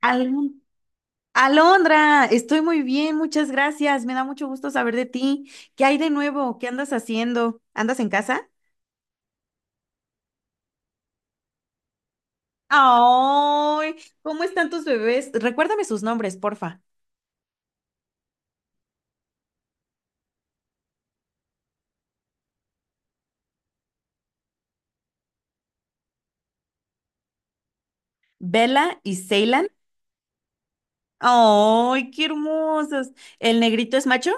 Alon- Alondra, estoy muy bien, muchas gracias. Me da mucho gusto saber de ti. ¿Qué hay de nuevo? ¿Qué andas haciendo? ¿Andas en casa? ¡Ay! ¿Cómo están tus bebés? Recuérdame sus nombres, porfa. Bella y Ceylan. ¡Ay, qué hermosos! ¿El negrito es macho?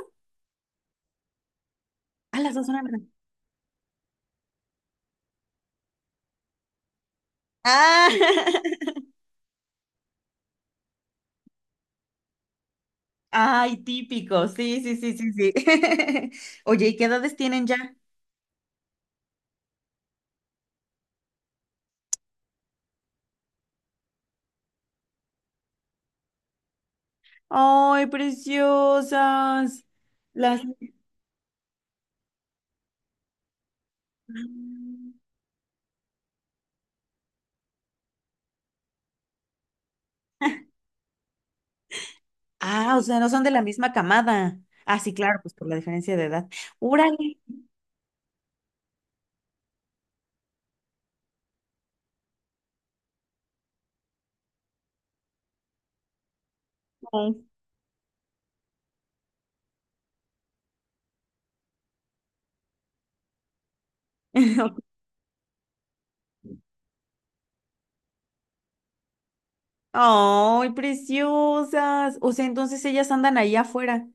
Ah, las dos son hembras. Ah, ay, típico. Sí, sí, sí, sí, sí. Oye, ¿y qué edades tienen ya? ¡Ay, preciosas! Las... Ah, o sea, no son de la misma camada. Ah, sí, claro, pues por la diferencia de edad. ¡Órale! ¡Ay, preciosas! O sea, entonces ellas andan ahí afuera.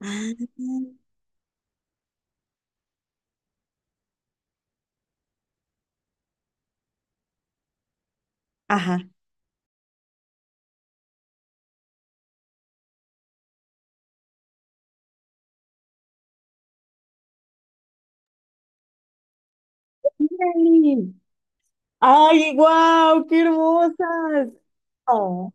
Ah, ajá. ¡Órale! ¡Ay, guau! ¡Qué hermosas! ¡Oh!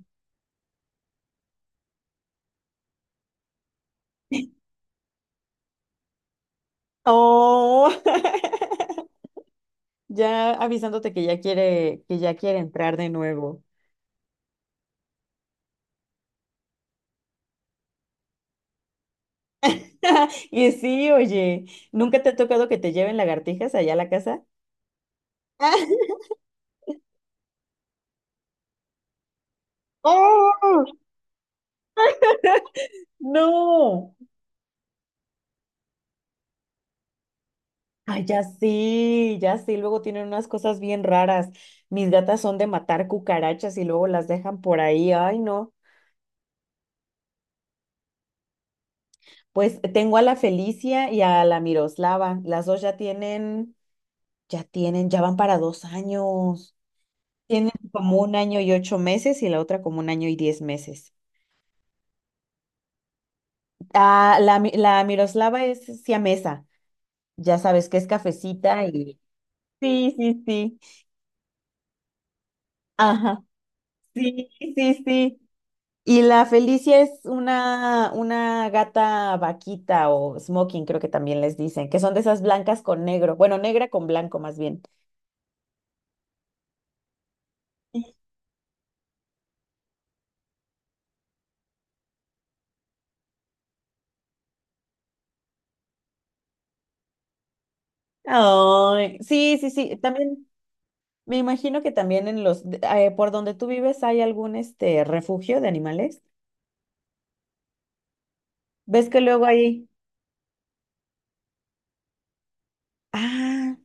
¡Oh! Ya avisándote que ya quiere entrar de nuevo. Y sí, oye, ¿nunca te ha tocado que te lleven lagartijas allá a la casa? ¡Oh! ¡No! Ay, ya sí, ya sí, luego tienen unas cosas bien raras. Mis gatas son de matar cucarachas y luego las dejan por ahí. Ay, no. Pues tengo a la Felicia y a la Miroslava. Las dos ya tienen, ya van para 2 años. Tienen como 1 año y 8 meses y la otra como 1 año y 10 meses. Ah, la Miroslava es siamesa. Ya sabes que es cafecita y... Sí, sí, sí. Ajá. Sí, sí, sí. Y la Felicia es una gata vaquita o smoking, creo que también les dicen, que son de esas blancas con negro, bueno, negra con blanco más bien. Ay, sí, sí, sí, también me imagino que también en por donde tú vives hay algún este refugio de animales. ¿Ves que luego hay? Ah,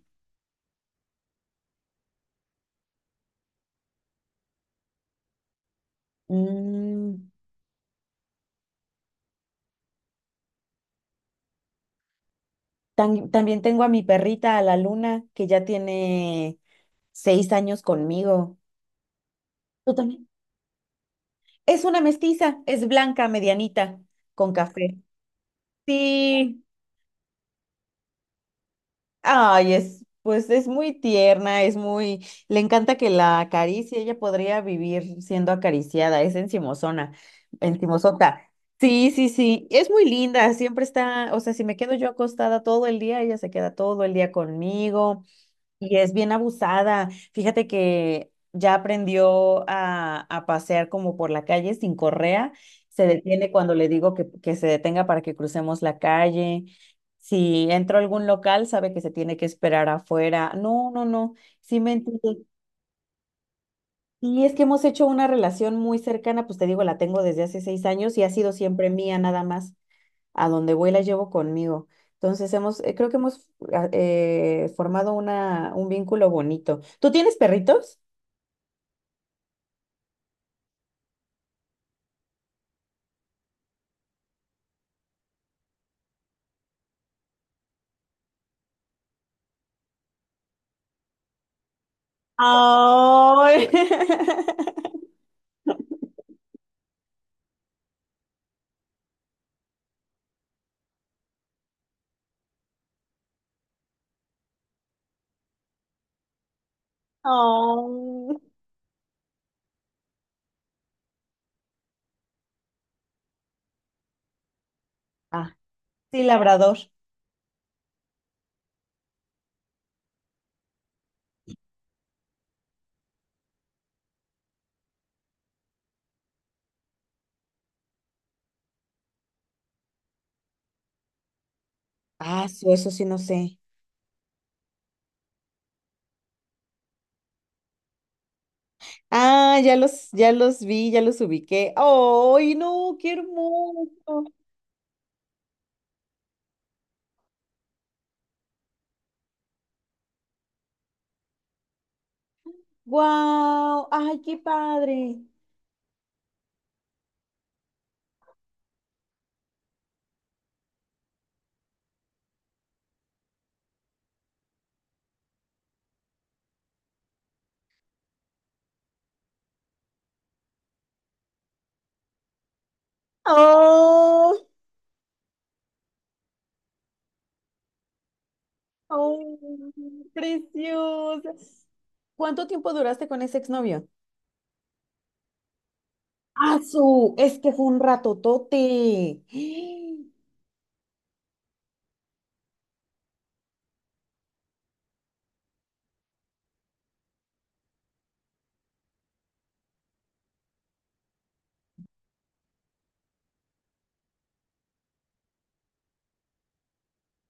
mm, también tengo a mi perrita, a la Luna, que ya tiene 6 años conmigo. ¿Tú también? Es una mestiza, es blanca, medianita, con café. Sí, ay, pues es muy tierna, le encanta que la acaricie, ella podría vivir siendo acariciada, es encimosona, encimosota. Sí, sí, sí, es muy linda, siempre está, o sea, si me quedo yo acostada todo el día, ella se queda todo el día conmigo. Y es bien abusada. Fíjate que ya aprendió a pasear como por la calle sin correa. Se detiene cuando le digo que se detenga para que crucemos la calle. Si entro a algún local, sabe que se tiene que esperar afuera. No, no, no. Sí me entiende. Y es que hemos hecho una relación muy cercana, pues te digo, la tengo desde hace 6 años y ha sido siempre mía nada más a donde voy la llevo conmigo. Entonces creo que hemos formado un vínculo bonito. ¿Tú tienes perritos? Ay, no. Ah, sí, labrador. Ah, sí, eso sí no sé. Ah, ya los vi, ya los ubiqué. ¡Ay, no! ¡Qué hermoso! ¡Guau! ¡Ay, qué padre! Oh. ¡Oh, preciosa! ¿Cuánto tiempo duraste con ese exnovio? ¡Ah, su! Es que fue un ratotote.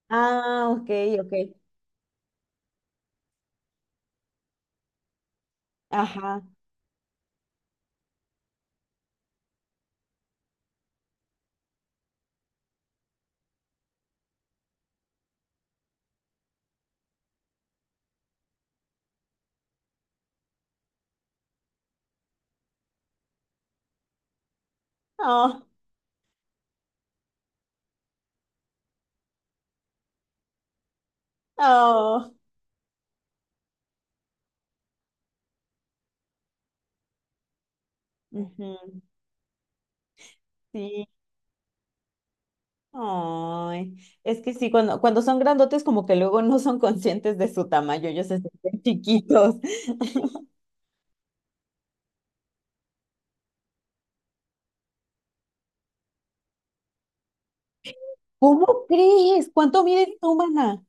Ah, ok, ok. Ajá. Oh, oh. Ujú. Sí. Ay, es que sí, cuando son grandotes, como que luego no son conscientes de su tamaño, ellos se sienten chiquitos. ¿Cómo crees? ¿Cuánto mide tu humana?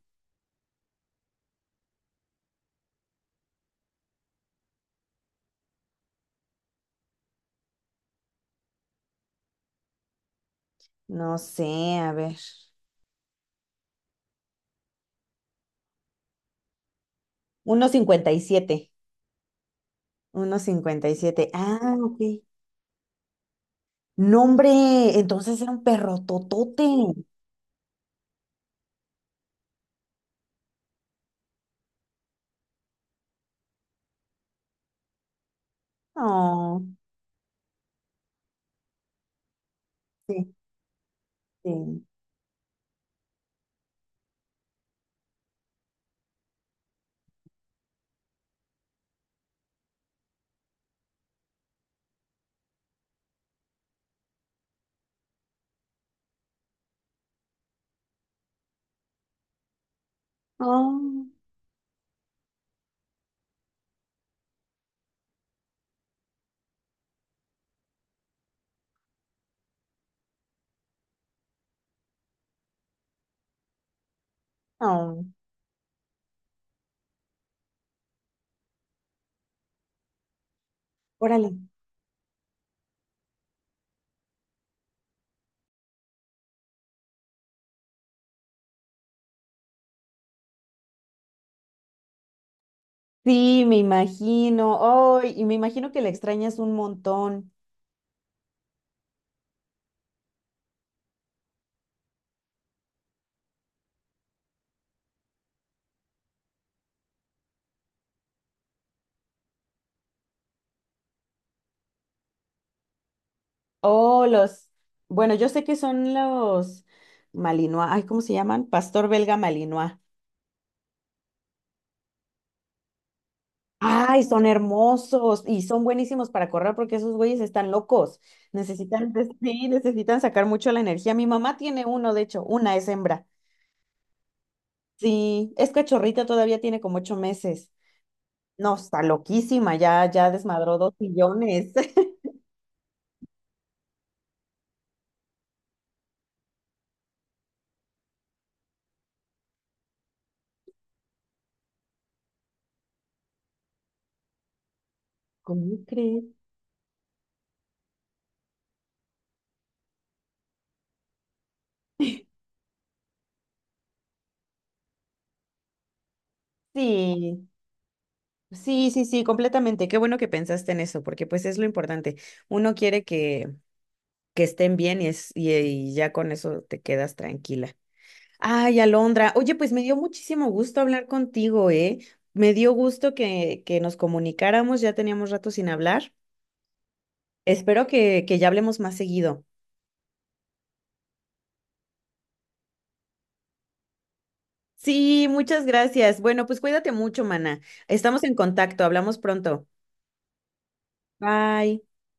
No sé, a ver. Uno cincuenta y siete, 1,57. Ah, ok. No, hombre, entonces era un perro totote. Oh, sí. Sí. Oh, oh, órale. Sí, me imagino. Oh, y me imagino que la extrañas un montón. Oh, los. Bueno, yo sé que son los Malinois. Ay, ¿cómo se llaman? Pastor belga Malinois. Ay, son hermosos y son buenísimos para correr porque esos güeyes están locos. Necesitan, sí, necesitan sacar mucho la energía. Mi mamá tiene uno, de hecho, una es hembra. Sí, es cachorrita, todavía tiene como 8 meses. No, está loquísima, ya desmadró dos millones. ¿Cómo crees? Sí, sí, sí, sí, completamente. Qué bueno que pensaste en eso, porque pues es lo importante. Uno quiere que estén bien y ya con eso te quedas tranquila. Ay, Alondra, oye, pues me dio muchísimo gusto hablar contigo, ¿eh? Me dio gusto que nos comunicáramos, ya teníamos rato sin hablar. Espero que ya hablemos más seguido. Sí, muchas gracias. Bueno, pues cuídate mucho, mana. Estamos en contacto, hablamos pronto. Bye.